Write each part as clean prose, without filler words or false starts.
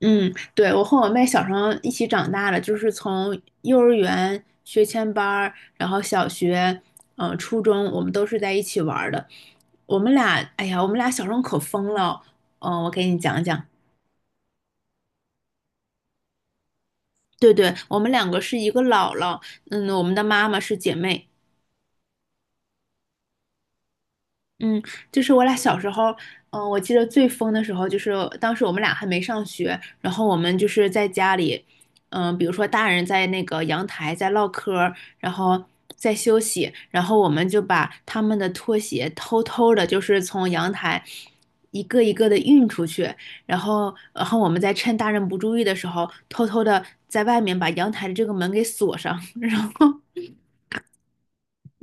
嗯，对，我和我妹小时候一起长大的，就是从幼儿园学前班儿，然后小学，初中，我们都是在一起玩儿的。我们俩，哎呀，我们俩小时候可疯了。我给你讲讲。对对，我们两个是一个姥姥，我们的妈妈是姐妹。嗯，就是我俩小时候，我记得最疯的时候，就是当时我们俩还没上学，然后我们就是在家里，比如说大人在那个阳台在唠嗑儿，然后在休息，然后我们就把他们的拖鞋偷偷的，就是从阳台一个一个的运出去，然后我们在趁大人不注意的时候，偷偷的在外面把阳台的这个门给锁上，然后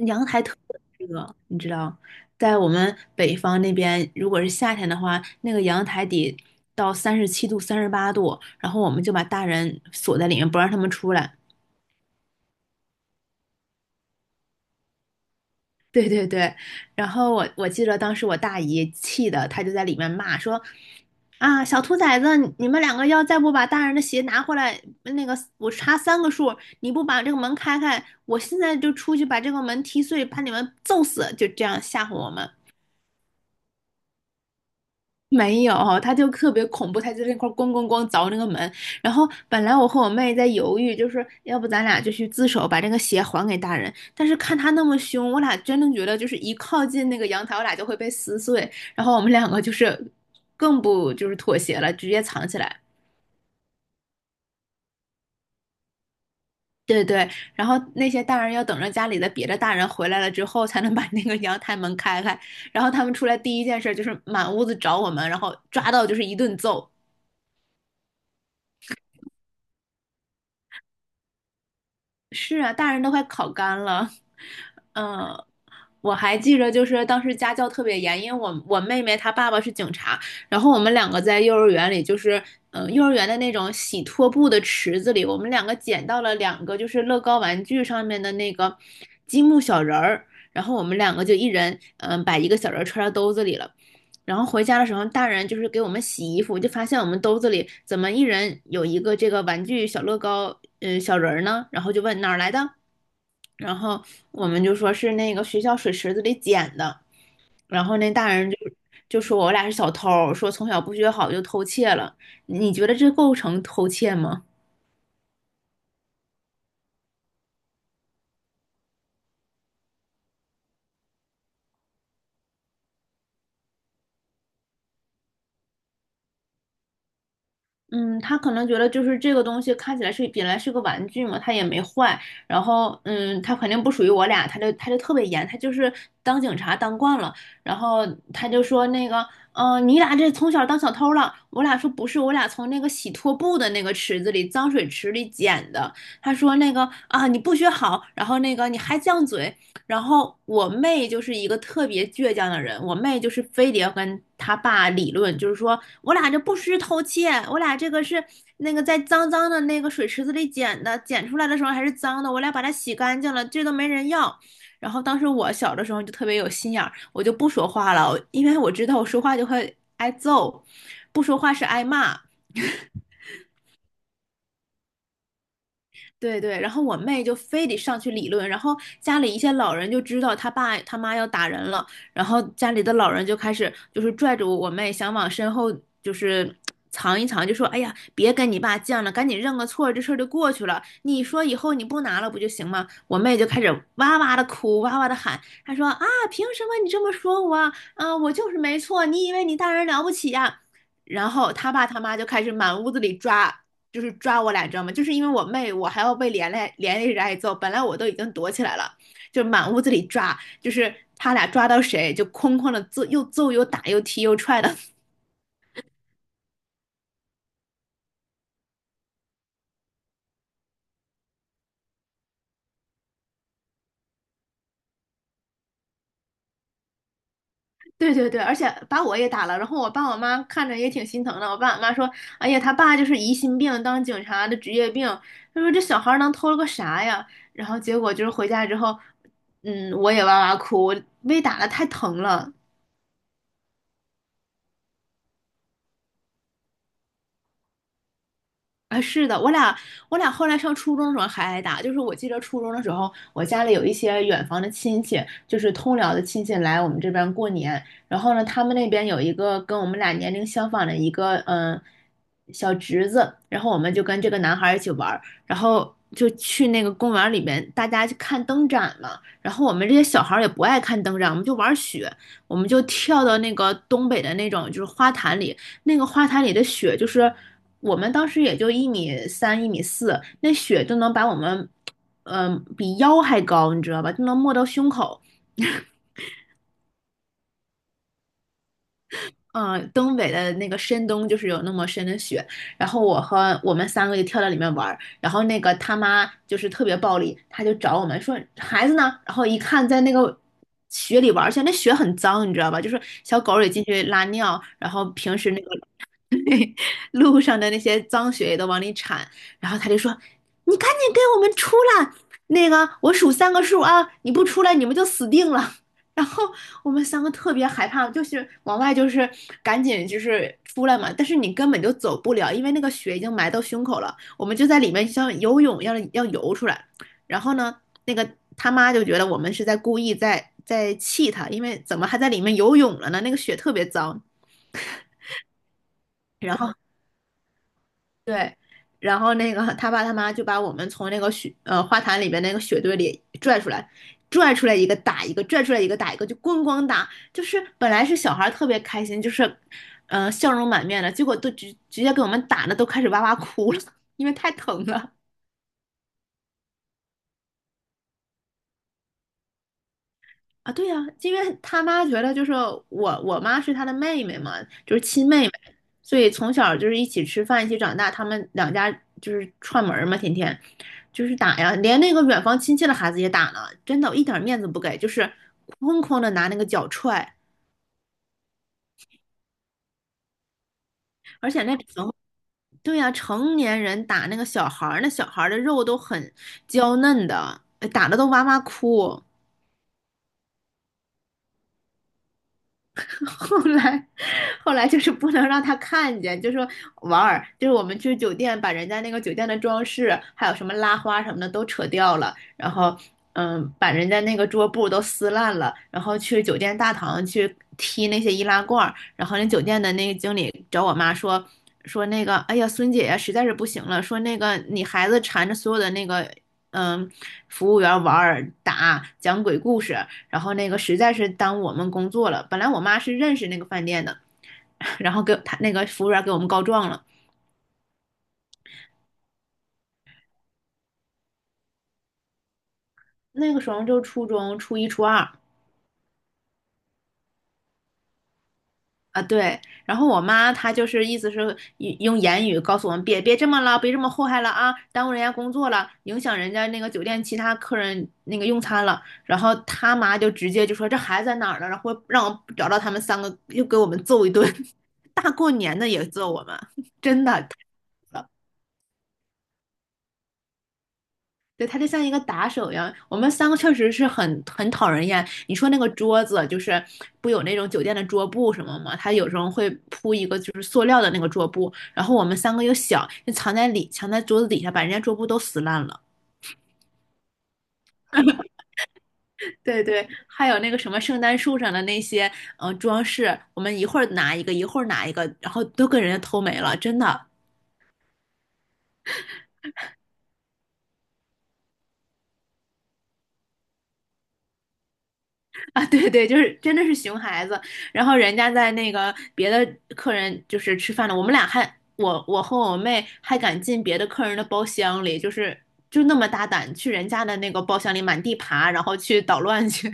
阳台特别热，你知道，在我们北方那边，如果是夏天的话，那个阳台得到37度、38度，然后我们就把大人锁在里面，不让他们出来。对对对，然后我记得当时我大姨气的，她就在里面骂说："啊，小兔崽子，你们两个要再不把大人的鞋拿回来，那个我查三个数，你不把这个门开开，我现在就出去把这个门踢碎，把你们揍死！"就这样吓唬我们。没有，他就特别恐怖，他就在那块儿咣咣咣凿那个门。然后本来我和我妹在犹豫，就是要不咱俩就去自首，把这个鞋还给大人。但是看他那么凶，我俩真的觉得就是一靠近那个阳台，我俩就会被撕碎。然后我们两个就是更不就是妥协了，直接藏起来。对对，然后那些大人要等着家里的别的大人回来了之后，才能把那个阳台门开开。然后他们出来第一件事就是满屋子找我们，然后抓到就是一顿揍。是啊，大人都快烤干了。嗯，我还记着，就是当时家教特别严，因为我妹妹她爸爸是警察，然后我们两个在幼儿园里，就是幼儿园的那种洗拖布的池子里，我们两个捡到了两个就是乐高玩具上面的那个积木小人儿，然后我们两个就一人把一个小人儿揣到兜子里了，然后回家的时候，大人就是给我们洗衣服，就发现我们兜子里怎么一人有一个这个玩具小乐高，小人儿呢？然后就问哪儿来的？然后我们就说是那个学校水池子里捡的。然后那大人就说我俩是小偷，说从小不学好就偷窃了。你觉得这构成偷窃吗？嗯，他可能觉得就是这个东西看起来是本来是个玩具嘛，它也没坏，然后他肯定不属于我俩，他就特别严，他就是当警察当惯了，然后他就说那个，你俩这从小当小偷了，我俩说不是，我俩从那个洗拖布的那个池子里脏水池里捡的，他说那个啊你不学好，然后那个你还犟嘴，然后我妹就是一个特别倔强的人，我妹就是非得要跟她爸理论，就是说我俩这不是偷窃，我俩这个是那个在脏脏的那个水池子里捡的，捡出来的时候还是脏的，我俩把它洗干净了，这都没人要。然后当时我小的时候就特别有心眼儿，我就不说话了，因为我知道我说话就会挨揍，不说话是挨骂。对对，然后我妹就非得上去理论，然后家里一些老人就知道他爸他妈要打人了，然后家里的老人就开始就是拽着我妹想往身后就是藏一藏，就说："哎呀，别跟你爸犟了，赶紧认个错，这事儿就过去了。你说以后你不拿了不就行吗？"我妹就开始哇哇的哭，哇哇的喊，她说："啊，凭什么你这么说我啊？啊，我就是没错，你以为你大人了不起呀？"然后他爸他妈就开始满屋子里抓，就是抓我俩，你知道吗？就是因为我妹，我还要被连累着挨揍。本来我都已经躲起来了，就满屋子里抓，就是他俩抓到谁就哐哐的揍，又揍又打又踢又踹的。对对对，而且把我也打了。然后我爸我妈看着也挺心疼的。我爸我妈说："哎呀，他爸就是疑心病，当警察的职业病。"他说："这小孩能偷了个啥呀？"然后结果就是回家之后，我也哇哇哭，我被打的太疼了。啊，是的，我俩后来上初中的时候还挨打，就是我记得初中的时候，我家里有一些远房的亲戚，就是通辽的亲戚来我们这边过年，然后呢，他们那边有一个跟我们俩年龄相仿的一个小侄子，然后我们就跟这个男孩儿一起玩儿，然后就去那个公园里面，大家去看灯展嘛，然后我们这些小孩儿也不爱看灯展，我们就玩雪，我们就跳到那个东北的那种就是花坛里，那个花坛里的雪，就是我们当时也就1米3、1米4，那雪都能把我们，比腰还高，你知道吧？就能没到胸口。嗯，东北的那个深冬就是有那么深的雪，然后我和我们三个就跳到里面玩儿，然后那个他妈就是特别暴力，他就找我们说孩子呢，然后一看在那个雪里玩儿去，而且那雪很脏，你知道吧？就是小狗也进去拉尿，然后平时那个路上的那些脏血也都往里铲，然后他就说："你赶紧给我们出来！那个，我数三个数啊，你不出来你们就死定了。然后我们三个特别害怕，就是往外就是赶紧就是出来嘛，但是你根本就走不了，因为那个血已经埋到胸口了。我们就在里面像游泳一样要游出来。然后呢，那个他妈就觉得我们是在故意在气他，因为怎么还在里面游泳了呢？那个血特别脏。然后对，然后那个他爸他妈就把我们从那个花坛里边那个雪堆里拽出来，拽出来一个打一个，拽出来一个打一个，就咣咣打。就是本来是小孩儿特别开心，就是笑容满面的，结果都直接给我们打的都开始哇哇哭了，因为太疼了。啊，对呀。因为他妈觉得就是我妈是他的妹妹嘛，就是亲妹妹，所以从小就是一起吃饭，一起长大，他们两家就是串门儿嘛，天天就是打呀，连那个远房亲戚的孩子也打呢，真的，我一点面子不给，就是哐哐的拿那个脚踹，而且那成，对呀。成年人打那个小孩儿，那小孩儿的肉都很娇嫩的，哎打的都哇哇哭。后来，后来就是不能让他看见，就说玩儿，就是我们去酒店把人家那个酒店的装饰，还有什么拉花什么的都扯掉了，然后，把人家那个桌布都撕烂了，然后去酒店大堂去踢那些易拉罐儿，然后那酒店的那个经理找我妈说。说那个，哎呀，孙姐呀，实在是不行了。说那个，你孩子缠着所有的那个，嗯，服务员玩儿打讲鬼故事，然后那个实在是耽误我们工作了。本来我妈是认识那个饭店的，然后给他那个服务员给我们告状了。那个时候就初中初一初二啊，对。然后我妈她就是意思是用言语告诉我们别这么了，别这么祸害了啊，耽误人家工作了，影响人家那个酒店其他客人那个用餐了。然后他妈就直接就说这孩子在哪儿呢？然后让我找到他们三个，又给我们揍一顿。大过年的也揍我们，真的。对，他就像一个打手一样。我们三个确实是很讨人厌。你说那个桌子，就是不有那种酒店的桌布什么吗？他有时候会铺一个就是塑料的那个桌布，然后我们三个又小，就藏在桌子底下，把人家桌布都撕烂了。对对，还有那个什么圣诞树上的那些装饰，我们一会儿拿一个，一会儿拿一个，然后都跟人家偷没了，真的。啊，对对，就是真的是熊孩子。然后人家在那个别的客人就是吃饭了，我们俩还我和我妹还敢进别的客人的包厢里，就是就那么大胆去人家的那个包厢里满地爬，然后去捣乱去。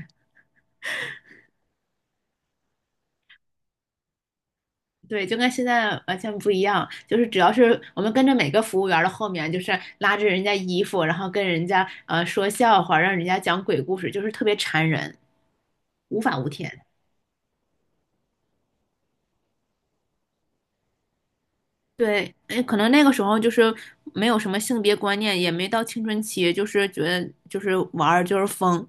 对，就跟现在完全不一样，就是只要是我们跟着每个服务员的后面，就是拉着人家衣服，然后跟人家说笑话，让人家讲鬼故事，就是特别缠人，无法无天。对，哎，可能那个时候就是没有什么性别观念，也没到青春期，就是觉得就是玩儿就是疯。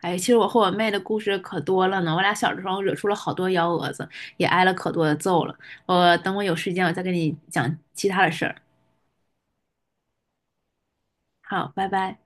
哎，其实我和我妹的故事可多了呢，我俩小的时候惹出了好多幺蛾子，也挨了可多的揍了。我等我有时间，我再跟你讲其他的事儿。好，拜拜。